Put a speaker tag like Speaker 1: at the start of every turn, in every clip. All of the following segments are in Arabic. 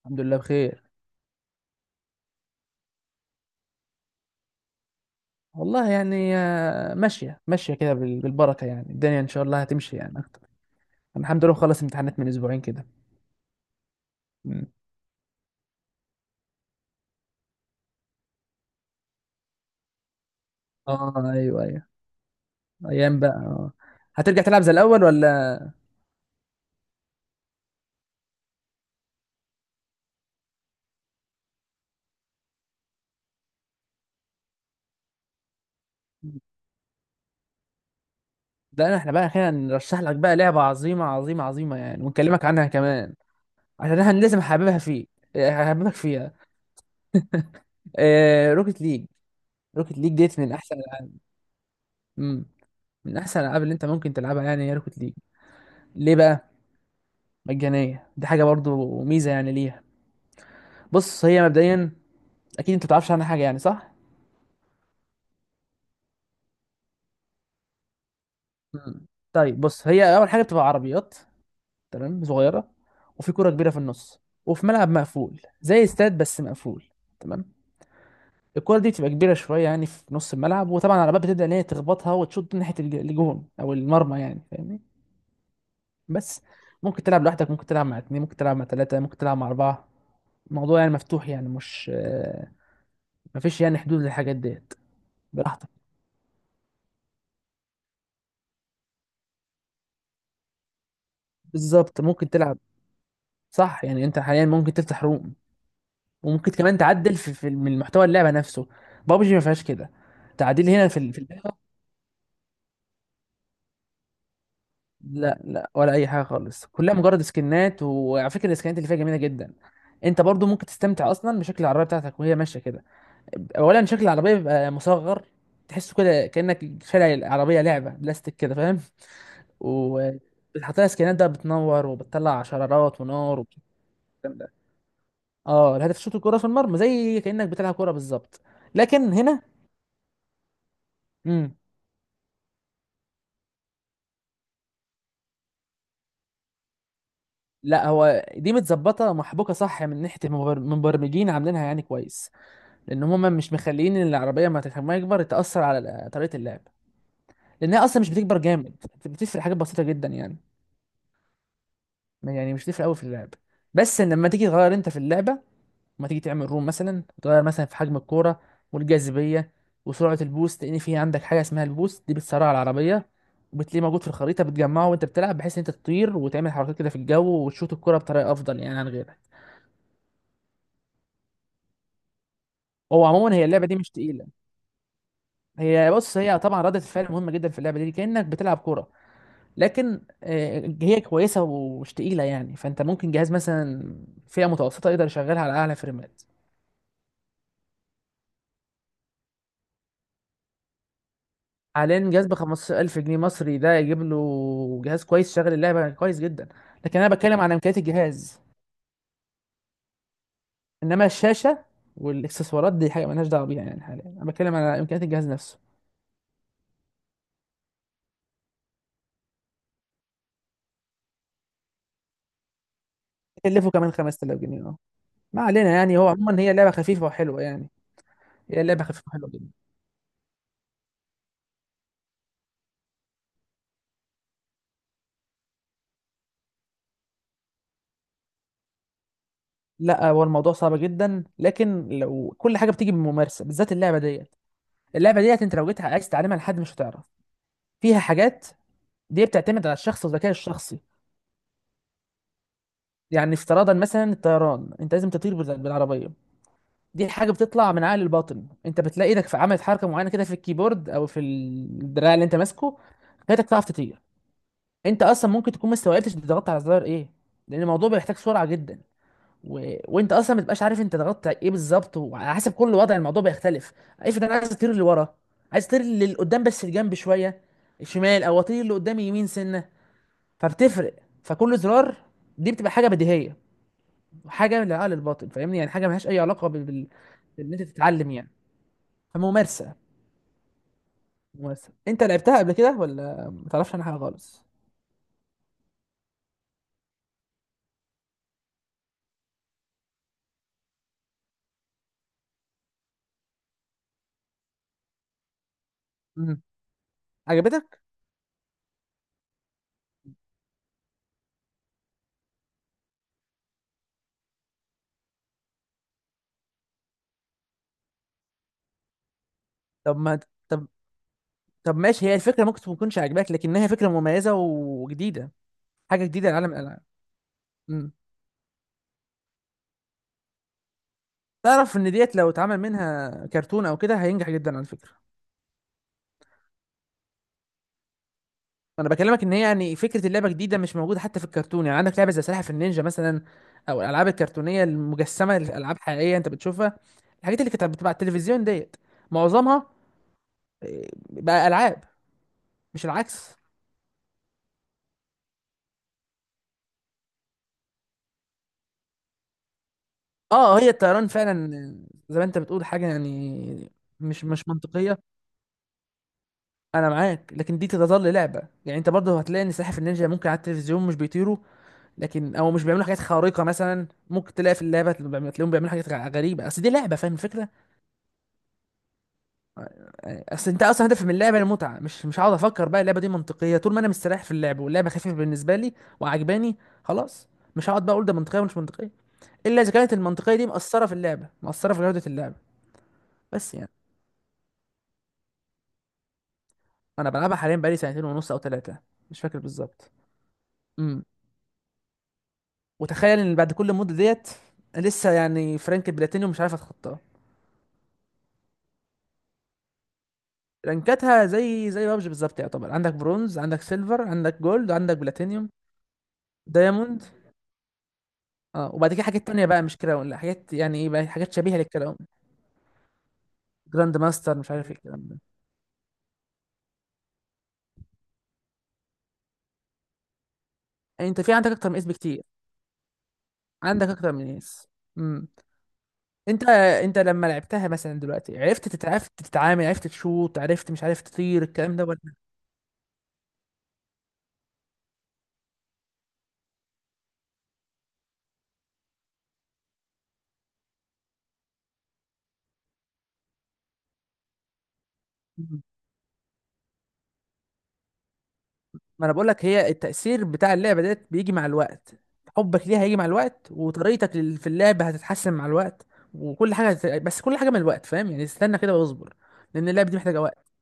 Speaker 1: الحمد لله بخير. والله يعني ماشية ماشية كده بالبركة، يعني الدنيا إن شاء الله هتمشي يعني أكتر. أنا الحمد لله خلص امتحانات من أسبوعين كده. مم. آه، أيوه، أيوه. أيام بقى، آه. هترجع تلعب زي الأول ولا؟ لا، إحنا بقى أخيرا نرشح لك بقى لعبة عظيمة عظيمة عظيمة يعني، ونكلمك عنها كمان. عشان أنا لازم أحببها فيك. هحببك فيها. آه، روكيت ليج. روكيت ليج ديت من أحسن الألعاب. مم. من أحسن الألعاب اللي أنت ممكن تلعبها يعني هي روكيت ليج. ليه بقى؟ مجانية دي حاجة برضو ميزة يعني ليها. بص هي مبدئيا، اكيد انت ما تعرفش عنها حاجه يعني، صح؟ مم. طيب بص، هي اول حاجه بتبقى عربيات. تمام، صغيره. وفي كره كبيره في النص. وفي ملعب مقفول زي استاد، بس مقفول. تمام. الكره دي بتبقى كبيره شويه يعني في نص الملعب، وطبعا العربيات بتبدا ان هي تخبطها وتشوط ناحيه الجون او المرمى، يعني فاهمني؟ بس ممكن تلعب لوحدك، ممكن تلعب مع اتنين، ممكن تلعب مع تلاته، ممكن تلعب مع اربعه. الموضوع يعني مفتوح، يعني مش مفيش يعني حدود للحاجات ديت. براحتك. بالظبط ممكن تلعب. صح، يعني انت حاليا ممكن تفتح روم. وممكن كمان تعدل في من محتوى اللعبه نفسه. بابجي ما فيهاش كده تعديل هنا في اللعبه. لا، لا، ولا اي حاجه خالص، كلها مجرد سكنات، وعلى فكره السكنات اللي فيها جميله جدا. انت برضو ممكن تستمتع اصلا بشكل العربيه بتاعتك وهي ماشيه كده. اولا شكل العربيه بيبقى مصغر. تحسه كده كانك شارع العربيه لعبه بلاستيك كده، فاهم؟ وبتحط لها سكنات بقى، بتنور وبتطلع شرارات ونار. اه، الهدف شوط الكرة في المرمى زي كأنك بتلعب كرة بالظبط. لكن هنا. امم لا، هو دي متظبطة محبوكة، صح، من ناحية المبرمجين عاملينها يعني كويس. لأن هما مش مخليين إن العربية ما يكبر تأثر على طريقة اللعب. لأنها أصلا مش بتكبر جامد. بتفرق حاجات بسيطة جدا يعني، يعني مش بتفرق أوي في اللعب. بس إن لما تيجي تغير أنت في اللعبة، ما تيجي تعمل روم مثلا تغير مثلا في حجم الكوره، والجاذبيه، وسرعه البوست. لان في عندك حاجه اسمها البوست دي بتسرع العربيه. وبتلاقيه موجود في الخريطه، بتجمعه وانت بتلعب بحيث ان انت تطير وتعمل حركات كده في الجو وتشوط الكوره بطريقه افضل يعني عن غيرك. هو عموما هي اللعبه دي مش تقيله. هي بص، هي طبعا ردة الفعل مهمه جدا في اللعبه دي كانك بتلعب كوره. لكن هي كويسه ومش تقيله يعني، فانت ممكن جهاز مثلا فئه متوسطه يقدر يشغلها على اعلى فريمات. حاليا جهاز ب 15,000 جنيه مصري، ده يجيب له جهاز كويس، شغل اللعبه كويس جدا. لكن انا بتكلم عن امكانيات الجهاز. انما الشاشه والاكسسوارات دي حاجه مالناش دعوه بيها، يعني حاليا انا بتكلم على امكانيات الجهاز نفسه. كلفه كمان 5,000 جنيه، اه. ما علينا يعني، هو عموما هي لعبه خفيفه وحلوه يعني. هي لعبه خفيفه وحلوه جدا. لا، هو الموضوع صعب جدا، لكن لو كل حاجه بتيجي بالممارسه بالذات اللعبه ديت. اللعبه ديت انت لو جيت عايز تعلمها لحد مش هتعرف. فيها حاجات دي بتعتمد على الشخص والذكاء الشخصي. يعني افتراضا مثلا الطيران انت لازم تطير بالعربيه. دي حاجه بتطلع من عقل الباطن. انت بتلاقي ايدك في عملت حركه معينه كده في الكيبورد او في الدراع اللي انت ماسكه، خلتك تعرف تطير. انت اصلا ممكن تكون ما استوعبتش انت ضغطت على الزرار ايه، لان الموضوع بيحتاج سرعه جدا. وانت اصلا ما تبقاش عارف انت ضغطت على ايه بالظبط، وعلى حسب كل وضع الموضوع بيختلف. افرض انا عايز اطير لورا، عايز اطير لقدام بس الجنب شويه شمال، او اطير لقدام يمين سنه. فبتفرق. فكل زرار دي بتبقى حاجه بديهيه، حاجه من العقل الباطن، فاهمني؟ يعني حاجه ملهاش اي علاقه. ان انت تتعلم يعني. فممارسه، ممارسه، انت لعبتها قبل كده ولا ما تعرفش عنها حاجه خالص؟ امم عجبتك؟ طب ما طب طب ماشي، هي الفكره ممكن ما تكونش عجباك لكنها فكره مميزه وجديده. حاجه جديده لعالم الالعاب امم تعرف ان ديت لو اتعمل منها كرتون او كده هينجح جدا على فكره. انا بكلمك ان هي يعني فكره اللعبه جديده، مش موجوده حتى في الكرتون، يعني عندك لعبه زي سلاحف النينجا مثلا. او الالعاب الكرتونيه المجسمه، الالعاب حقيقيه انت بتشوفها. الحاجات اللي كانت بتبقى على التلفزيون ديت معظمها بقى العاب. مش العكس. اه، هي الطيران فعلا زي ما انت بتقول حاجه يعني. مش منطقيه. انا معاك، لكن دي تظل لعبه يعني. انت برضه هتلاقي ان سلاحف النينجا ممكن على التلفزيون مش بيطيروا. لكن او مش بيعملوا حاجات خارقه مثلا، ممكن تلاقي في اللعبه تلاقيهم بيعملوا حاجات غريبه، اصل دي لعبه، فاهم الفكره؟ اصل انت اصلا، هدف من اللعبه المتعه، مش هقعد افكر بقى اللعبه دي منطقيه طول ما انا مستريح في اللعب واللعبه خفيفه بالنسبه لي وعجباني. خلاص. مش هقعد بقى اقول ده منطقيه ومش منطقيه، الا اذا كانت المنطقيه دي مأثره في اللعبه، مأثره في جوده اللعبه. بس يعني، انا بلعبها حاليا بقالي سنتين ونص او ثلاثه، مش فاكر بالظبط. امم وتخيل ان بعد كل المده ديت لسه يعني فرانك بلاتينيوم مش عارف اتخطاه. رانكاتها زي بابجي بالظبط، يعتبر عندك برونز، عندك سيلفر، عندك جولد، عندك بلاتينيوم. دايموند، اه، وبعد كده حاجات تانية بقى، مش كراون، لا، حاجات يعني ايه بقى، حاجات شبيهة للكراون. جراند ماستر، مش عارف ايه الكلام ده. يعني انت في عندك اكتر من اس بكتير، عندك اكتر من اس امم انت انت لما لعبتها مثلا دلوقتي عرفت تتعامل، عرفت تشوط، عرفت مش عارف تطير الكلام ده ولا؟ مم. ما انا بقول لك هي، التأثير بتاع اللعبة ديت بيجي مع الوقت. حبك ليها هيجي مع الوقت، وطريقتك في اللعبة هتتحسن مع الوقت. وكل حاجة بس كل حاجة من الوقت، فاهم يعني، استنى كده واصبر. لأن اللعبة دي محتاجة وقت.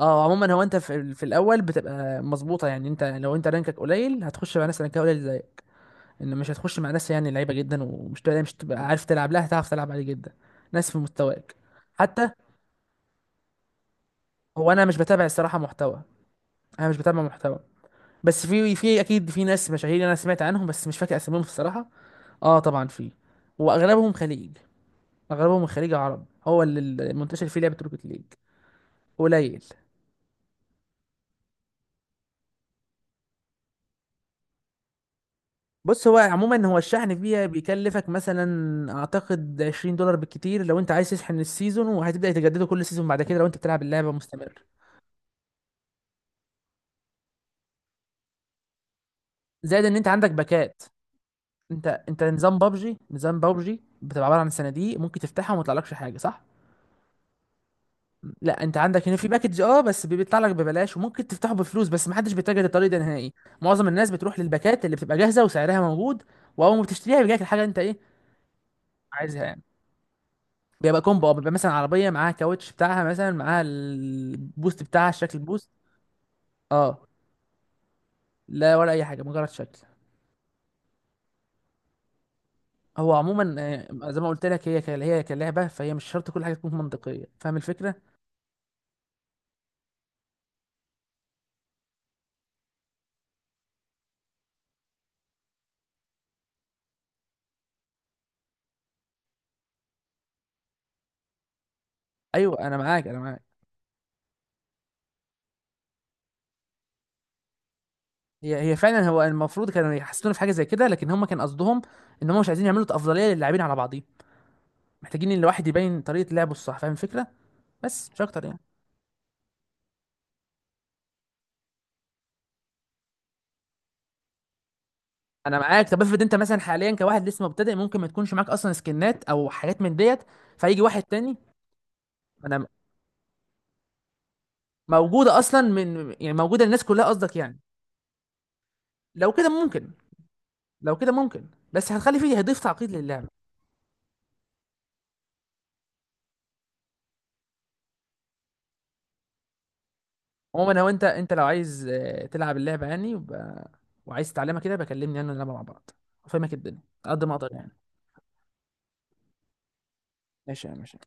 Speaker 1: اه، عموما هو انت في الاول بتبقى مظبوطه يعني، انت لو انت رانكك قليل هتخش مع ناس رانكها قليل زيك. ان مش هتخش مع ناس يعني لعيبه جدا، ومش تلاقي، مش تبقى عارف تلعب لها، هتعرف تلعب عليه جدا. ناس في مستواك حتى. هو انا مش بتابع الصراحه محتوى، انا مش بتابع محتوى. بس في اكيد في ناس مشاهير انا سمعت عنهم، بس مش فاكر اساميهم الصراحه. اه طبعا في، واغلبهم خليج، اغلبهم من خليج عرب، هو اللي منتشر فيه لعبه روكيت ليج. قليل. بص، هو عموما هو الشحن فيها بيكلفك مثلا اعتقد 20 دولار بالكتير، لو انت عايز تشحن السيزون وهتبدا تجدده كل سيزون بعد كده لو انت بتلعب اللعبه مستمر. زائد ان انت عندك باكات، انت نظام بابجي، نظام بابجي بتبقى عباره عن صناديق ممكن تفتحها وما يطلعلكش حاجه، صح. لا، انت عندك هنا في باكج، اه، بس بيطلع لك ببلاش، وممكن تفتحه بفلوس بس محدش بيتجه للطريق ده نهائي. معظم الناس بتروح للباكات اللي بتبقى جاهزه وسعرها موجود. واول ما بتشتريها بيجيلك الحاجه اللي انت ايه عايزها يعني. بيبقى كومبو، اه، بيبقى مثلا عربيه معاها كاوتش بتاعها، مثلا معاها البوست بتاعها، شكل البوست. اه، لا، ولا اي حاجه، مجرد شكل. هو عموما زي ما قلت لك، هي هي كلعبه فهي مش شرط كل حاجه تكون منطقيه، فاهم الفكره؟ ايوه، انا معاك، انا معاك. هي فعلا هو المفروض كانوا يحسنوا في حاجه زي كده، لكن هم كان قصدهم. ان هم مش عايزين يعملوا افضليه للاعبين على بعضيهم، محتاجين ان الواحد يبين طريقه لعبه الصح، فاهم الفكره؟ بس مش اكتر يعني. انا معاك. طب افرض انت مثلا حاليا كواحد لسه مبتدئ ممكن ما تكونش معاك اصلا سكنات او حاجات من ديت، فيجي واحد تاني. انا، موجودة أصلا يعني موجودة للناس كلها، قصدك يعني؟ لو كده ممكن لو كده ممكن بس هتخلي فيه، هيضيف تعقيد للعبة. عموما هو أنت لو عايز تلعب اللعبة يعني وعايز تتعلمها كده، بكلمني أنا نلعبها مع بعض، أفهمك الدنيا على قد ما أقدر يعني. ماشي يا ماشي.